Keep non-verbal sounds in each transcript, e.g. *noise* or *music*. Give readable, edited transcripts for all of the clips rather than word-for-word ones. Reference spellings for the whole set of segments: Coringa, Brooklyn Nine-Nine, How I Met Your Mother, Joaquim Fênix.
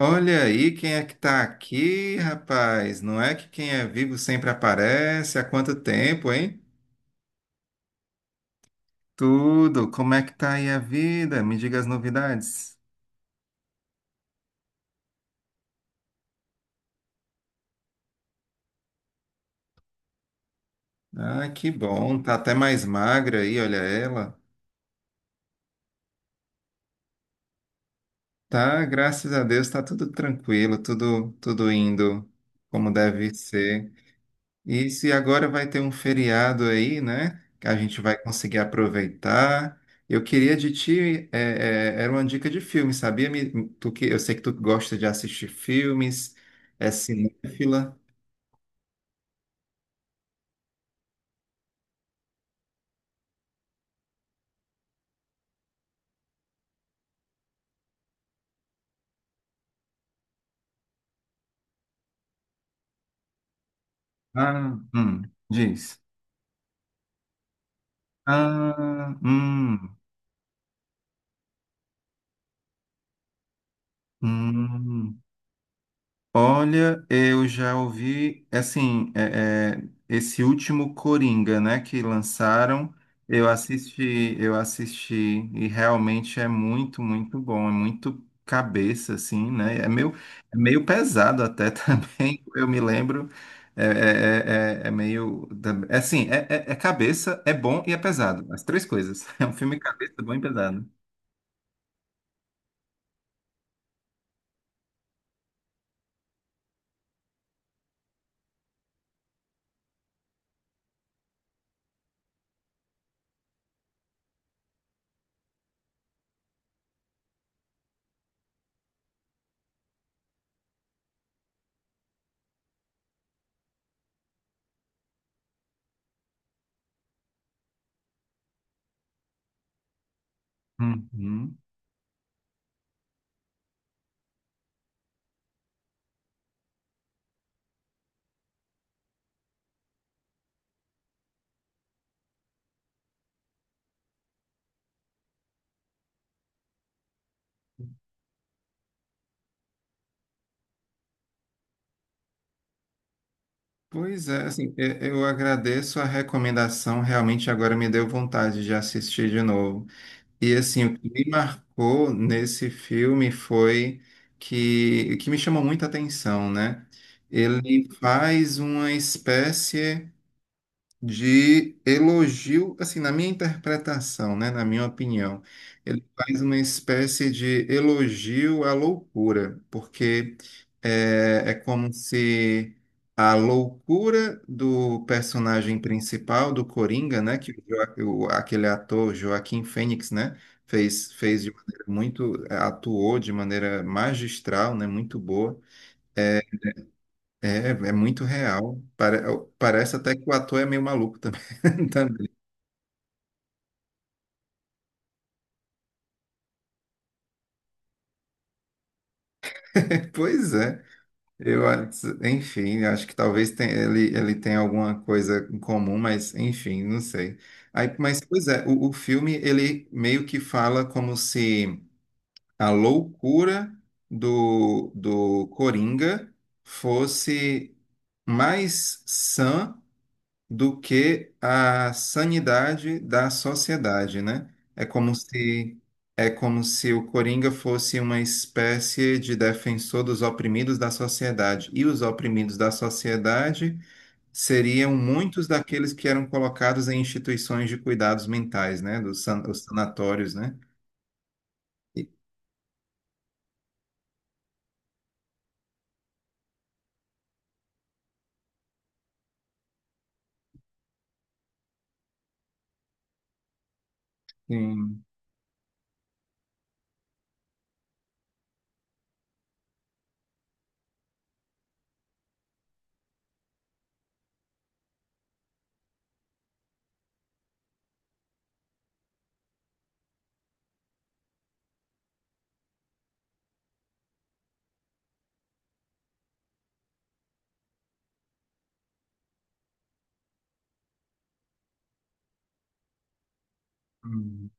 Olha aí quem é que tá aqui, rapaz. Não é que quem é vivo sempre aparece? Há quanto tempo, hein? Tudo. Como é que tá aí a vida? Me diga as novidades. Ah, que bom. Tá até mais magra aí, olha ela. Tá, graças a Deus, tá tudo tranquilo, tudo indo como deve ser. E se agora vai ter um feriado aí, né? Que a gente vai conseguir aproveitar. Eu queria de ti, era uma dica de filme, sabia? Tu que, eu sei que tu gosta de assistir filmes, é cinéfila. Ah, diz. Ah, hum. Olha, eu já ouvi, é assim, esse último Coringa, né, que lançaram, eu assisti e realmente é muito, muito bom, é muito cabeça, assim, né, é meio pesado até *laughs* também, eu me lembro, é, é, é, é é meio, é assim, é cabeça, é bom e é pesado, as três coisas, *laughs* é um filme cabeça, bom e pesado. Uhum. Pois é, assim, eu agradeço a recomendação, realmente agora me deu vontade de assistir de novo. E assim, o que me marcou nesse filme foi que me chamou muita atenção, né? Ele faz uma espécie de elogio, assim, na minha interpretação, né, na minha opinião, ele faz uma espécie de elogio à loucura, porque é como se a loucura do personagem principal, do Coringa, né, que o, Joa- o- aquele ator Joaquim Fênix, né, fez de maneira muito, atuou de maneira magistral, né, muito boa eh, é muito real. Parece até que o ator é meio maluco também. *laughs* Também. *laughs* Pois é. Enfim, acho que talvez ele tenha alguma coisa em comum, mas enfim, não sei. Aí, mas, pois é, o filme, ele meio que fala como se a loucura do Coringa fosse mais sã do que a sanidade da sociedade, né? É como se é como se o Coringa fosse uma espécie de defensor dos oprimidos da sociedade, e os oprimidos da sociedade seriam muitos daqueles que eram colocados em instituições de cuidados mentais, né? Os sanatórios, né? E- Sim, sim,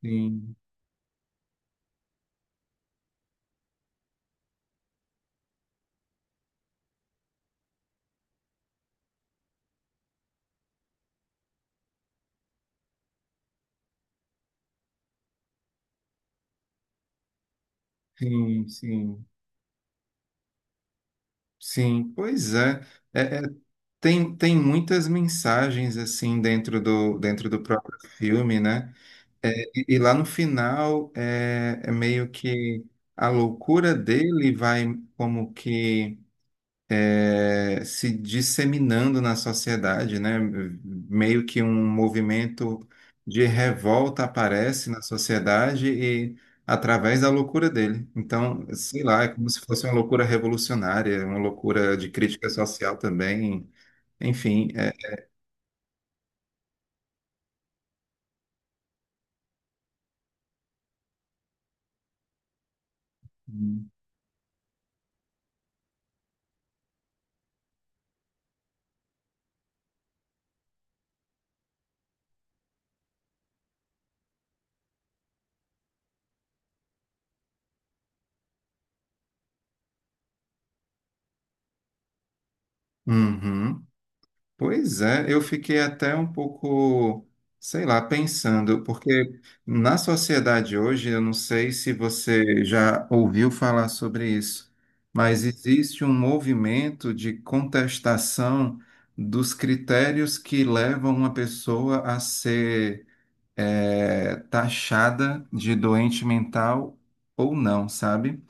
sim, sim, sim. Sim, pois é. É, é Tem, tem muitas mensagens assim dentro do próprio filme, né? É, e lá no final é meio que a loucura dele vai como que é, se disseminando na sociedade, né? Meio que um movimento de revolta aparece na sociedade e através da loucura dele. Então, sei lá, é como se fosse uma loucura revolucionária, uma loucura de crítica social também. Enfim, uhum. Uhum. Pois é, eu fiquei até um pouco, sei lá, pensando, porque na sociedade hoje, eu não sei se você já ouviu falar sobre isso, mas existe um movimento de contestação dos critérios que levam uma pessoa a ser, taxada de doente mental ou não, sabe?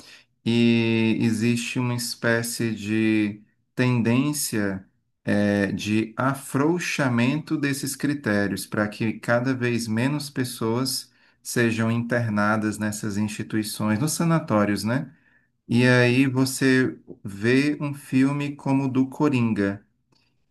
E existe uma espécie de tendência de afrouxamento desses critérios para que cada vez menos pessoas sejam internadas nessas instituições, nos sanatórios, né? E aí você vê um filme como o do Coringa.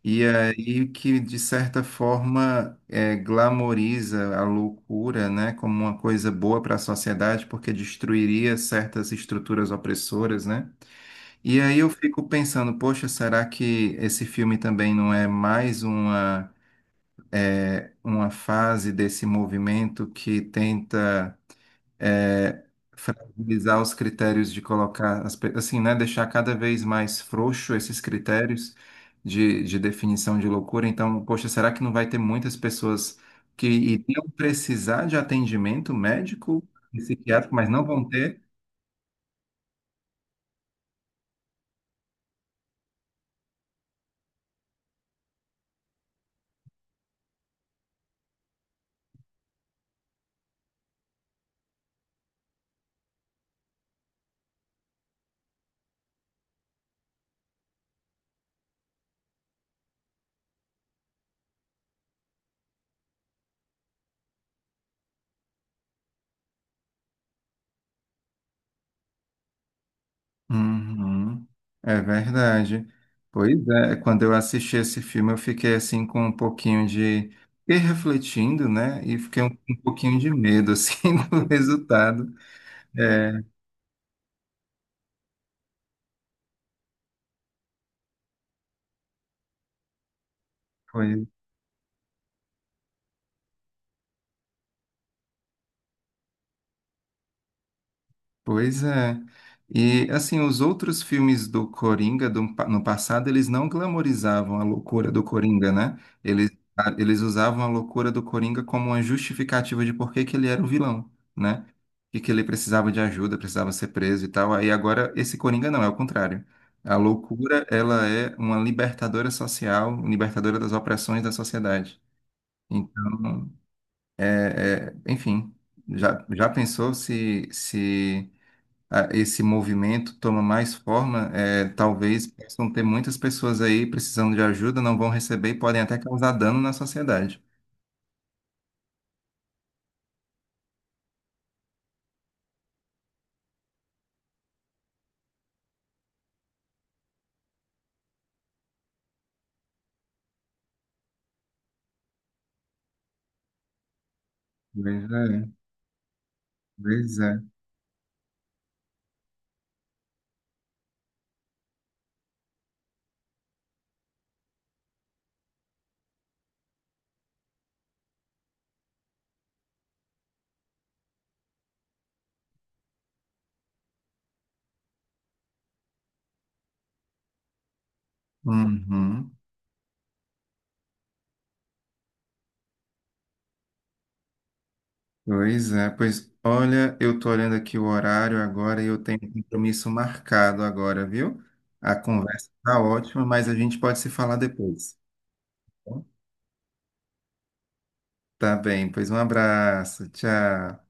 E aí que, de certa forma, é, glamoriza a loucura, né, como uma coisa boa para a sociedade, porque destruiria certas estruturas opressoras, né? E aí eu fico pensando, poxa, será que esse filme também não é mais uma, é, uma fase desse movimento que tenta é, fragilizar os critérios de colocar, assim, né, deixar cada vez mais frouxo esses critérios de definição de loucura. Então, poxa, será que não vai ter muitas pessoas que iriam precisar de atendimento médico e psiquiátrico, mas não vão ter? Uhum, é verdade. Pois é, quando eu assisti esse filme, eu fiquei assim com um pouquinho de. Fiquei refletindo, né? E fiquei um pouquinho de medo, assim, *laughs* do resultado. É, pois Pois é. E assim, os outros filmes do Coringa no passado, eles não glamorizavam a loucura do Coringa, né? Eles, eles usavam a loucura do Coringa como uma justificativa de por que que ele era o vilão, né? E que ele precisava de ajuda, precisava ser preso e tal. Aí agora esse Coringa não, é o contrário. A loucura, ela é uma libertadora social, libertadora das opressões da sociedade. Então, enfim, já pensou se, se esse movimento toma mais forma, é, talvez possam ter muitas pessoas aí precisando de ajuda, não vão receber e podem até causar dano na sociedade. Pois é, pois é. Uhum. Pois é, pois olha, eu tô olhando aqui o horário agora e eu tenho um compromisso marcado agora, viu? A conversa tá ótima, mas a gente pode se falar depois. Tá bom? Tá bem, pois um abraço, tchau.